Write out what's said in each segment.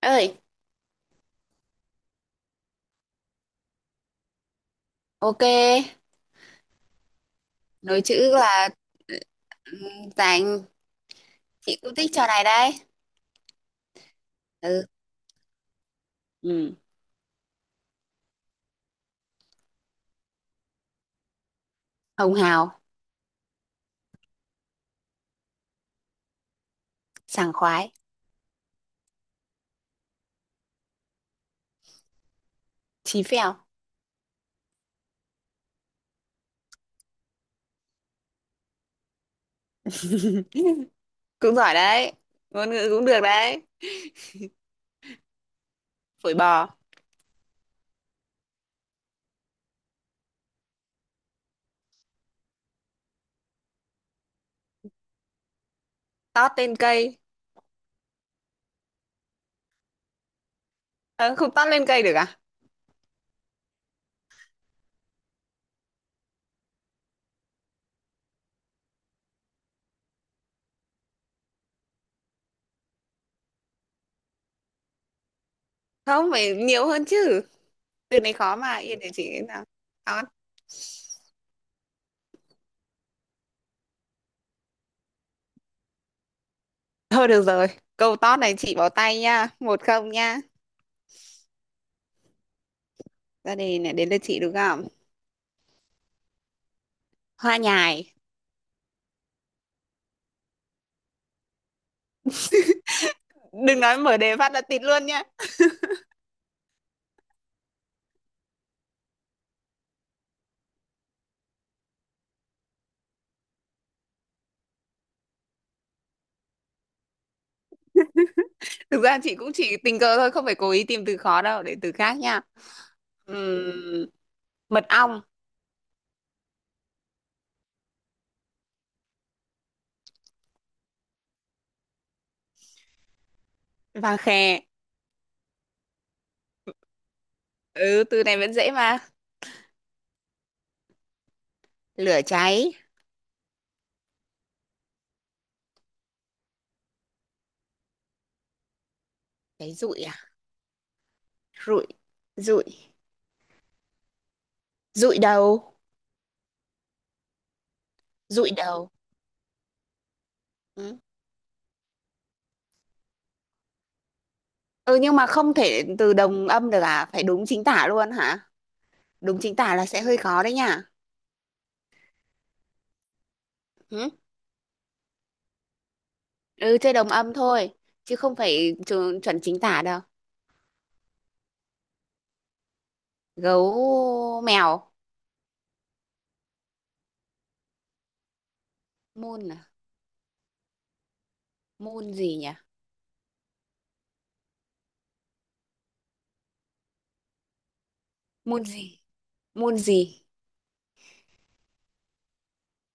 Ơi. Ok, nối chữ là dành. Chị cũng thích trò này đấy. Ừ. Ừ. Hồng hào. Sảng khoái. Chí phèo. Cũng giỏi đấy. Ngôn ngữ cũng được đấy. Phổi bò. Tót lên cây. Ờ, không tót lên cây được à? Không phải nhiều hơn chứ. Từ này khó mà, yên để chị nào. Tót. Thôi được rồi, câu tót này chị bỏ tay nha, một không nha. Ra đây này, đến lượt chị đúng không? Hoa nhài. Đừng nói mở đề phát là tịt luôn nhá. Thực ra chị cũng chỉ tình cờ thôi, không phải cố ý tìm từ khó đâu, để từ khác nha. Ừm, mật ong. Vàng khè. Ừ, từ này vẫn dễ mà. Lửa cháy. Cháy rụi à? Rụi, rụi, rụi đầu, rụi đầu. Ừ. Ừ, nhưng mà không thể từ đồng âm được à? Phải đúng chính tả luôn hả? Đúng chính tả là sẽ hơi khó đấy nhá. Ừ, ừ chơi đồng âm thôi, chứ không phải chuẩn chính tả đâu. Gấu mèo. Môn à? Môn gì nhỉ? Môn gì? Môn gì?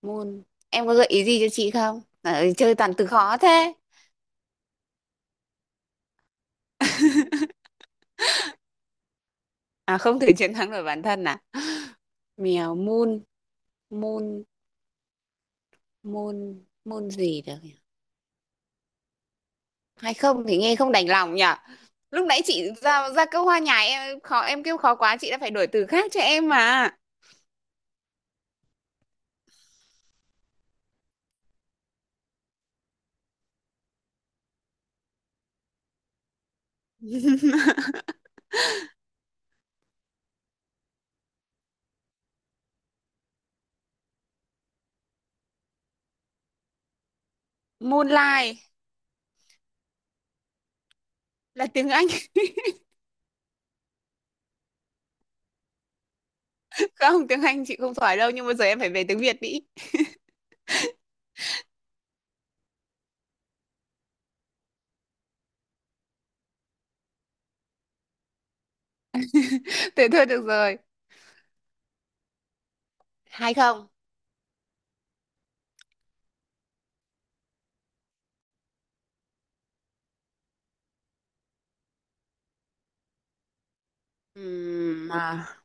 Môn. Em có gợi ý gì cho chị không à? Ừ, chơi toàn từ khó thế. À, không thể chiến thắng nổi bản thân à. Mèo môn. Môn. Môn gì được nhỉ? Hay không thì nghe không đành lòng nhỉ. Lúc nãy chị ra ra câu hoa nhài, em khó, em kêu khó quá, chị đã phải đổi từ khác cho em mà. Moonlight là tiếng Anh. Không, tiếng Anh chị không giỏi đâu, nhưng mà giờ em phải về tiếng Việt đi. Thế thôi được rồi. Hay không. À,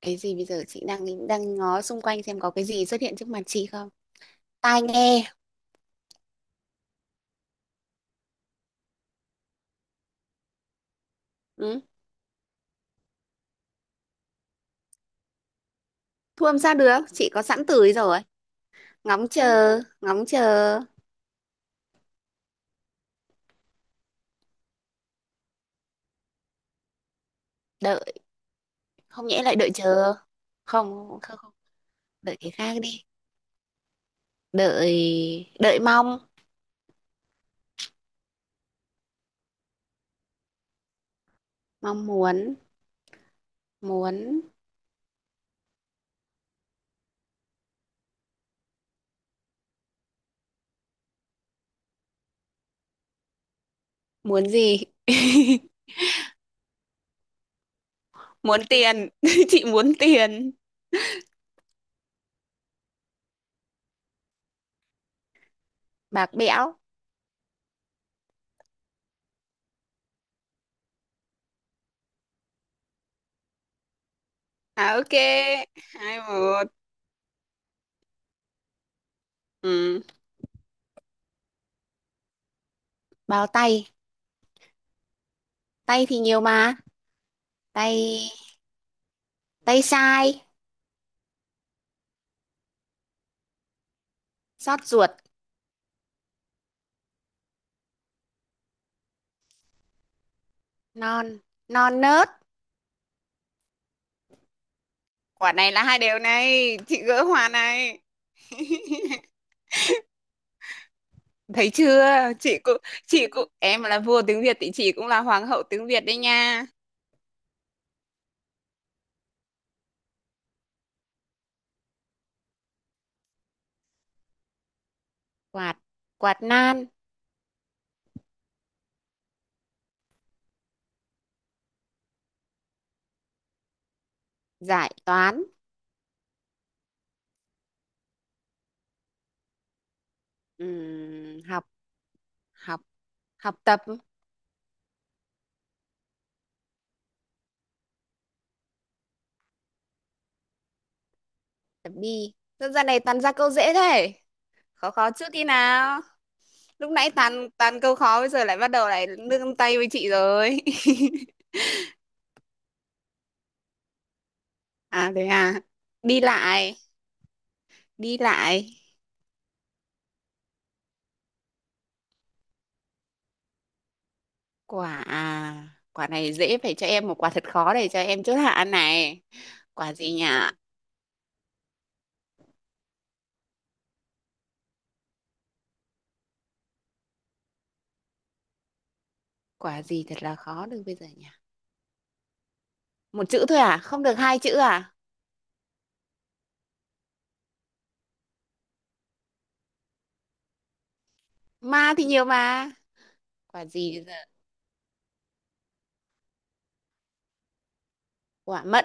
cái gì bây giờ? Chị đang đang ngó xung quanh xem có cái gì xuất hiện trước mặt chị không? Tai nghe. Ừ. Thu âm sao được? Chị có sẵn từ ấy rồi. Ngóng chờ, đợi. Không nhẽ lại đợi chờ. Không, không, không. Đợi cái khác đi. Đợi, đợi mong, mong muốn, muốn, muốn gì? Muốn tiền. Chị muốn tiền. Bạc bẽo. À ok. Hai một. Ừ. Bao tay. Tay thì nhiều mà. Tay, tay sai. Xót ruột. Non. Non nớt. Quả này là hai đều này, chị gỡ hòa này. Thấy chưa. Chị cũng, chị cũng, em là vua tiếng Việt thì chị cũng là hoàng hậu tiếng Việt đấy nha. Quạt. Quạt nan. Giải toán. Học. Học. Học tập. Tập đi. Sao giờ này toàn ra câu dễ thế? Khó khó trước đi nào. Lúc nãy toàn toàn câu khó, bây giờ lại bắt đầu lại nương tay với chị rồi. À thế à. Đi lại. Đi lại. Quả à? Quả này dễ, phải cho em một quả thật khó để cho em chốt hạ này. Quả gì nhỉ? Quả gì thật là khó được bây giờ nhỉ? Một chữ thôi à, không được hai chữ à? Ma thì nhiều mà. Quả gì bây giờ? Quả mận.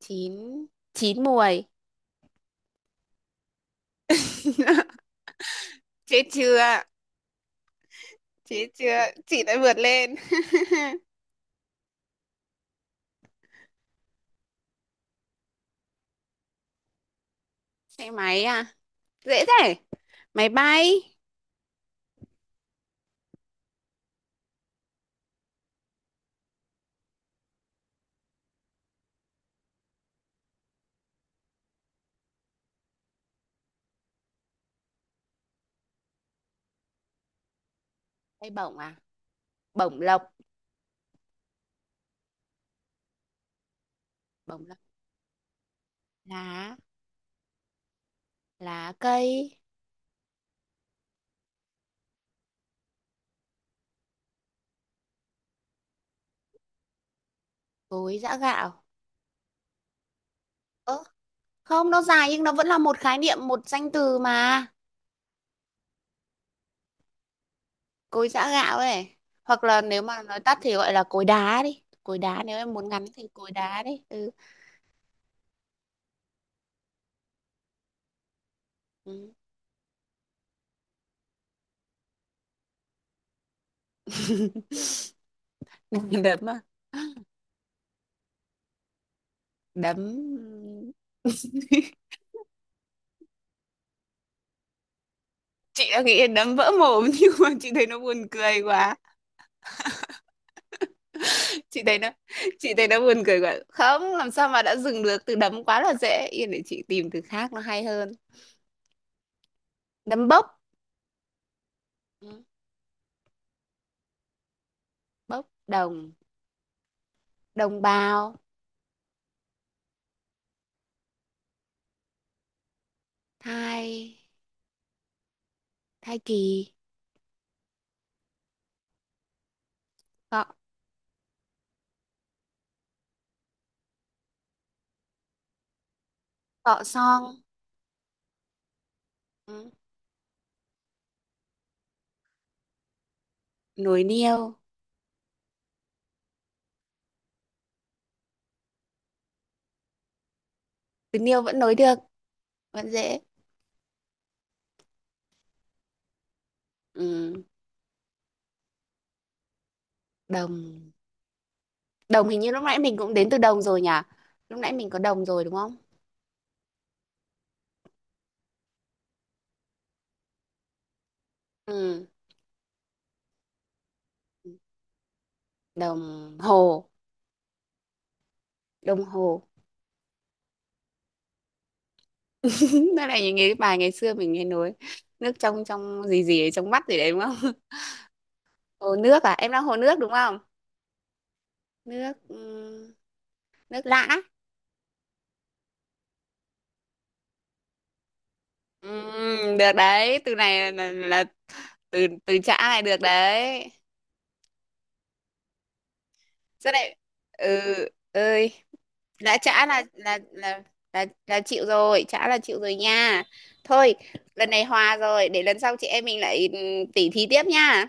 Chín. Chín muồi. Chết chưa. Chết chưa. Chị đã vượt lên. Xe máy à? Dễ thế. Máy bay. Bay bổng à? Bổng lộc. Bổng lộc. Lá. Lá cây. Cối giã gạo. Ơ, không, nó dài nhưng nó vẫn là một khái niệm, một danh từ mà. Cối giã gạo ấy. Hoặc là nếu mà nói tắt thì gọi là cối đá đi, cối đá, nếu em muốn ngắn thì cối đá đi. Ừ. Ừ. Đấm à? Đấm. Chị đã nghĩ đến đấm vỡ mồm nhưng mà chị thấy nó buồn cười quá. Chị thấy nó, chị thấy nó buồn cười quá không làm sao mà đã dừng được. Từ đấm quá là dễ, yên để chị tìm từ khác nó hay hơn. Đấm bốc. Ừ, bốc đồng. Đồng bào. Thai. Thai kỳ. Có. Cọ xong. Ừ. Nối niêu. Từ niêu vẫn nối được. Vẫn dễ. Ừ. Đồng. Đồng hình như lúc nãy mình cũng đến từ đồng rồi nhỉ. Lúc nãy mình có đồng rồi đúng không? Ừ. Đồng hồ. Đồng hồ. Đó là những cái bài ngày xưa mình nghe nối, nước trong, trong gì gì ấy, trong mắt gì đấy đúng không? Hồ nước à, em đang hồ nước đúng không? Nước, ừ, nước lã. Ừ, được đấy, từ này là từ từ chã này được đấy. Rất đấy. Ừ. Ừ. Đã chả là chịu rồi, chả là chịu rồi nha. Thôi lần này hòa rồi, để lần sau chị em mình lại, tỉ thí tiếp nha.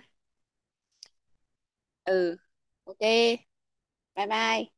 Ừ. Ok, bye bye.